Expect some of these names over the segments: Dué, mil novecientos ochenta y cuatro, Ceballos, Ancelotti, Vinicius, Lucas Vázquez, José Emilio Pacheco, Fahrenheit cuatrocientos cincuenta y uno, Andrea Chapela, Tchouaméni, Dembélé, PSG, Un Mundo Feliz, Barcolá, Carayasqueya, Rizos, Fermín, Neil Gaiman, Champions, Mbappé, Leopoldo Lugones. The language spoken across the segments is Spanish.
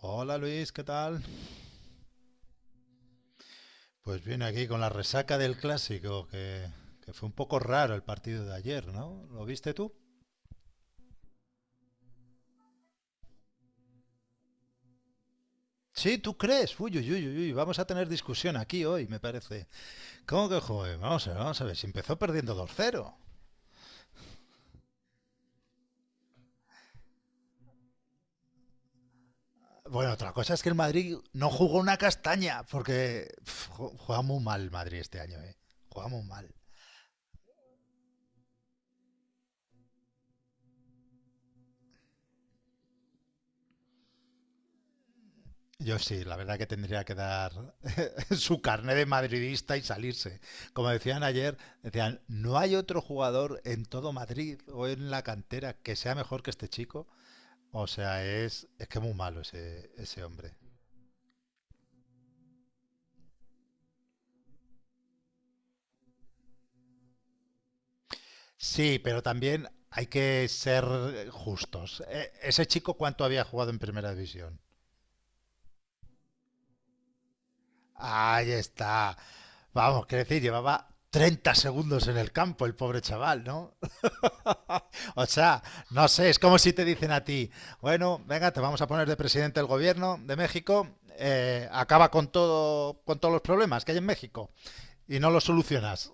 Hola Luis, ¿qué tal? Pues bien, aquí con la resaca del clásico, que fue un poco raro el partido de ayer, ¿no? ¿Lo viste tú? Sí, ¿tú crees? Uy, uy, uy, uy, uy, vamos a tener discusión aquí hoy, me parece. ¿Cómo que joder? Vamos a ver, si empezó perdiendo 2-0. Bueno, otra cosa es que el Madrid no jugó una castaña, porque juega muy mal el Madrid este año, ¿eh? Juega muy mal. Yo sí, la verdad que tendría que dar su carné de madridista y salirse. Como decían ayer, decían, no hay otro jugador en todo Madrid o en la cantera que sea mejor que este chico. O sea, es que muy malo ese hombre. Sí, pero también hay que ser justos. Ese chico, ¿cuánto había jugado en primera división? Ahí está. Vamos, quiero decir, llevaba 30 segundos en el campo el pobre chaval, ¿no? O sea, no sé, es como si te dicen a ti, bueno, venga, te vamos a poner de presidente del gobierno de México, acaba con todo, con todos los problemas que hay en México y no los solucionas.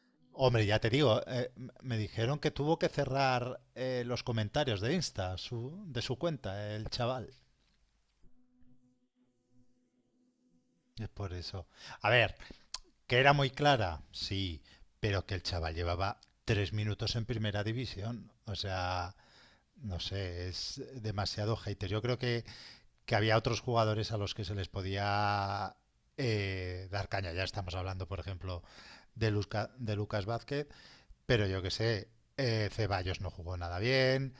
Hombre, ya te digo, me dijeron que tuvo que cerrar los comentarios de Insta, de su cuenta, el chaval. Es por eso. A ver, que era muy clara, sí, pero que el chaval llevaba 3 minutos en primera división. O sea, no sé, es demasiado hater. Yo creo que había otros jugadores a los que se les podía dar caña. Ya estamos hablando, por ejemplo, de Lucas Vázquez, pero yo que sé, Ceballos no jugó nada bien,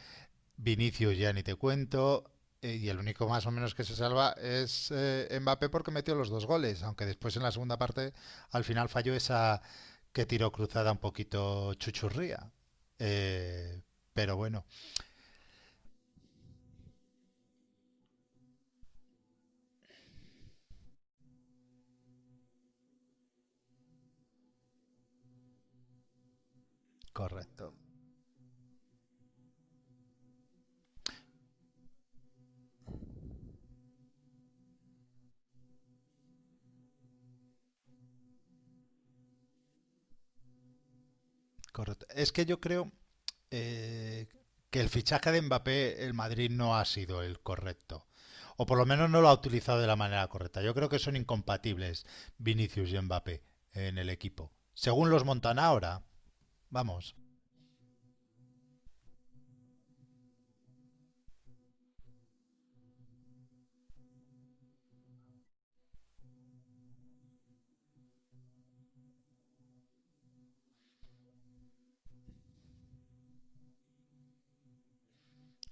Vinicius ya ni te cuento, y el único más o menos que se salva es Mbappé porque metió los dos goles, aunque después en la segunda parte al final falló esa que tiró cruzada un poquito chuchurría. Eh, pero bueno, correcto, correcto. Es que yo creo eh, que el fichaje de Mbappé, el Madrid no ha sido el correcto. O por lo menos no lo ha utilizado de la manera correcta. Yo creo que son incompatibles Vinicius y Mbappé en el equipo. Según los montan ahora, vamos,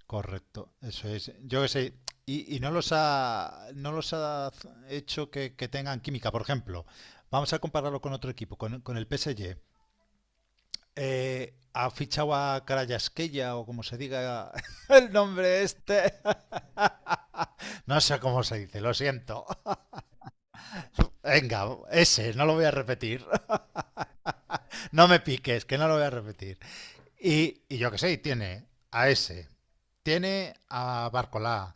correcto. Eso es. Yo qué sé. Y no los ha hecho que tengan química. Por ejemplo, vamos a compararlo con otro equipo, con el PSG. Ha fichado a Carayasqueya, o como se diga el nombre este. No sé cómo se dice, lo siento. Venga, ese, no lo voy a repetir. No me piques, que no lo voy a repetir. Y yo qué sé, tiene a ese, tiene a Barcolá,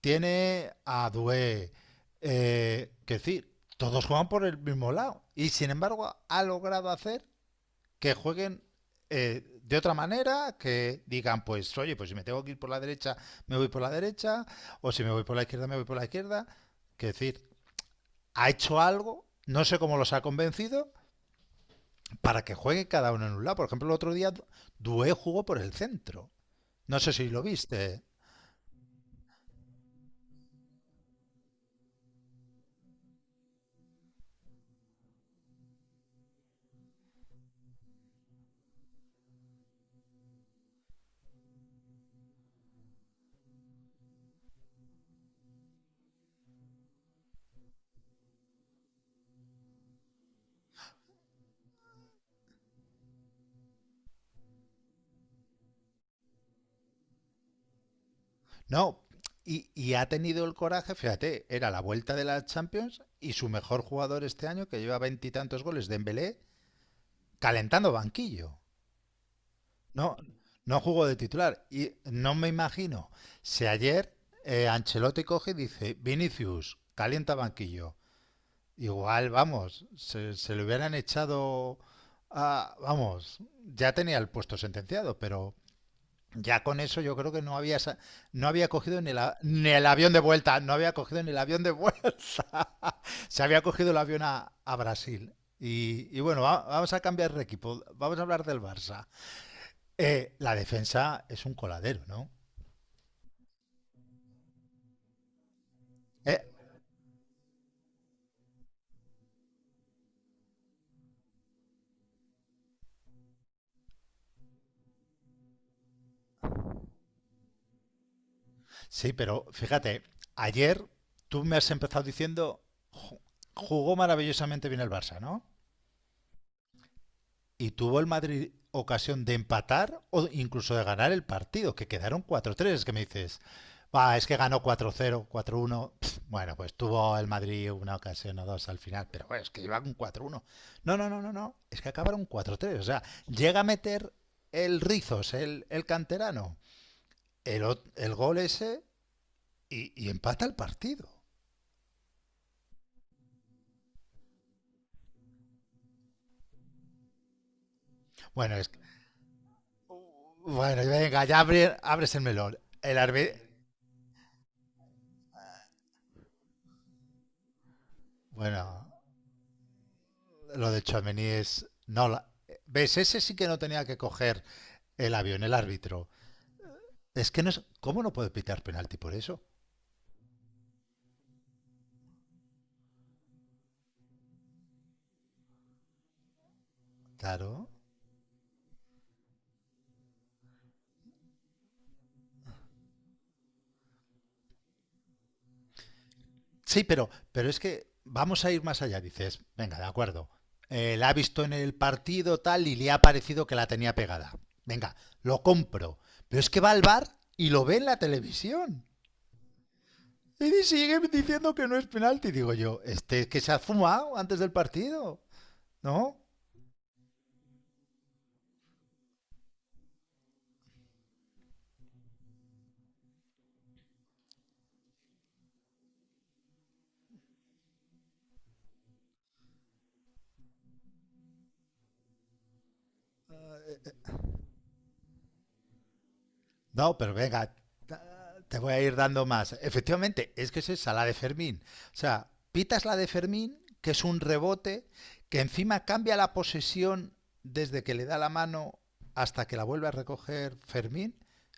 tiene a Dué. Que decir, todos juegan por el mismo lado. Y sin embargo, ha logrado hacer que jueguen de otra manera, que digan, pues, oye, pues si me tengo que ir por la derecha, me voy por la derecha, o si me voy por la izquierda, me voy por la izquierda. Que decir, ha hecho algo, no sé cómo los ha convencido, para que juegue cada uno en un lado. Por ejemplo, el otro día Dué jugó por el centro. No sé si lo viste. No, y, ha tenido el coraje, fíjate, era la vuelta de la Champions y su mejor jugador este año, que lleva veintitantos goles, Dembélé, calentando banquillo. No, no jugó de titular. Y no me imagino si ayer Ancelotti coge y dice, Vinicius, calienta banquillo. Igual, vamos, se lo hubieran echado a, vamos, ya tenía el puesto sentenciado, pero ya con eso yo creo que no había cogido ni el avión de vuelta, no había cogido ni el avión de vuelta. Se había cogido el avión a Brasil. Y bueno, vamos a cambiar de equipo, vamos a hablar del Barça. La defensa es un coladero, ¿no? Eh, sí, pero fíjate, ayer tú me has empezado diciendo, "Ju- Jugó maravillosamente bien el Barça, ¿no?" y tuvo el Madrid ocasión de empatar o incluso de ganar el partido, que quedaron 4-3, es que me dices, va, es que ganó 4-0, 4-1. Bueno, pues tuvo el Madrid una ocasión o dos al final, pero bueno, es que iba con 4-1. No, no, no, no, no, es que acabaron 4-3, o sea, llega a meter el Rizos, el canterano, el, el gol ese y empata el partido. Bueno, Bueno, venga, ya abres el melón. Bueno, lo de Tchouaméni es. No, ¿ves? Ese sí que no tenía que coger el avión, el árbitro. Es que no es. ¿Cómo no puede pitar penalti por eso? Claro. Sí, pero es que vamos a ir más allá. Dices, venga, de acuerdo. La ha visto en el partido tal y le ha parecido que la tenía pegada. Venga, lo compro. Pero es que va al bar y lo ve en la televisión. Y sigue diciendo que no es penalti. Digo yo, este que se ha fumado antes del partido, ¿no? No, pero venga, te voy a ir dando más. Efectivamente, es que es esa, la de Fermín. O sea, pitas la de Fermín, que es un rebote, que encima cambia la posesión desde que le da la mano hasta que la vuelve a recoger Fermín,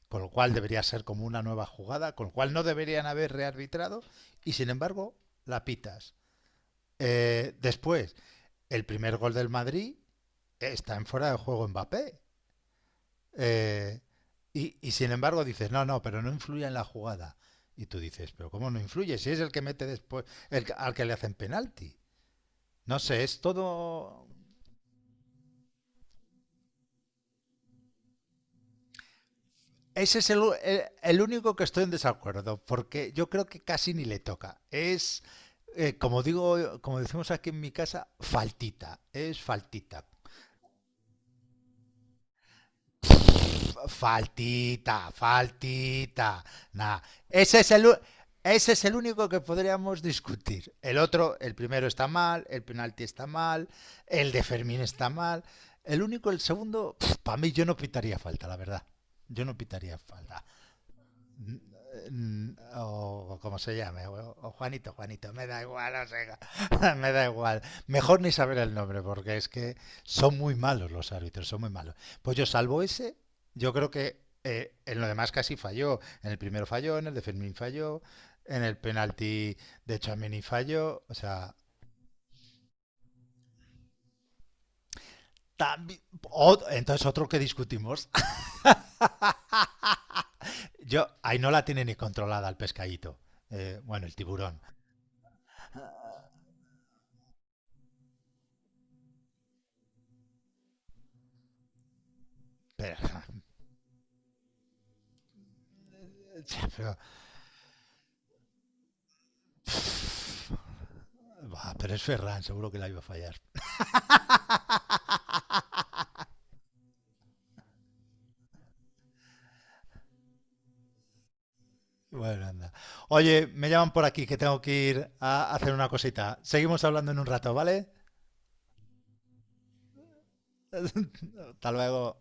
con lo cual debería ser como una nueva jugada, con lo cual no deberían haber rearbitrado, y sin embargo, la pitas. Después, el primer gol del Madrid está en fuera de juego Mbappé. Eh, y sin embargo dices, no, no, pero no influye en la jugada. Y tú dices, pero ¿cómo no influye? Si es el que mete después, al que le hacen penalti. No sé, es todo. Ese es el único que estoy en desacuerdo, porque yo creo que casi ni le toca. Es, como digo, como decimos aquí en mi casa, faltita. Es faltita. Faltita, faltita. Nah. Ese es el, ese es el único que podríamos discutir. El otro, el primero está mal, el penalti está mal, el de Fermín está mal. El único, el segundo, para mí yo no pitaría falta, la verdad. Yo no pitaría falta. Mm, o como se llame, o, Juanito, Juanito, me da igual, o sea, me da igual. Mejor ni saber el nombre, porque es que son muy malos los árbitros, son muy malos. Pues yo salvo ese, yo creo que en lo demás casi falló. En el primero falló, en el de Fermín falló, en el penalti de Chamini falló, o sea, también. Entonces otro que discutimos, yo, ahí no la tiene ni controlada el pescadito, bueno, el tiburón, pero, pero Bah, pero es Ferran, seguro que la iba a fallar. Bueno, anda. Oye, me llaman por aquí que tengo que ir a hacer una cosita. Seguimos hablando en un rato, ¿vale? Hasta luego.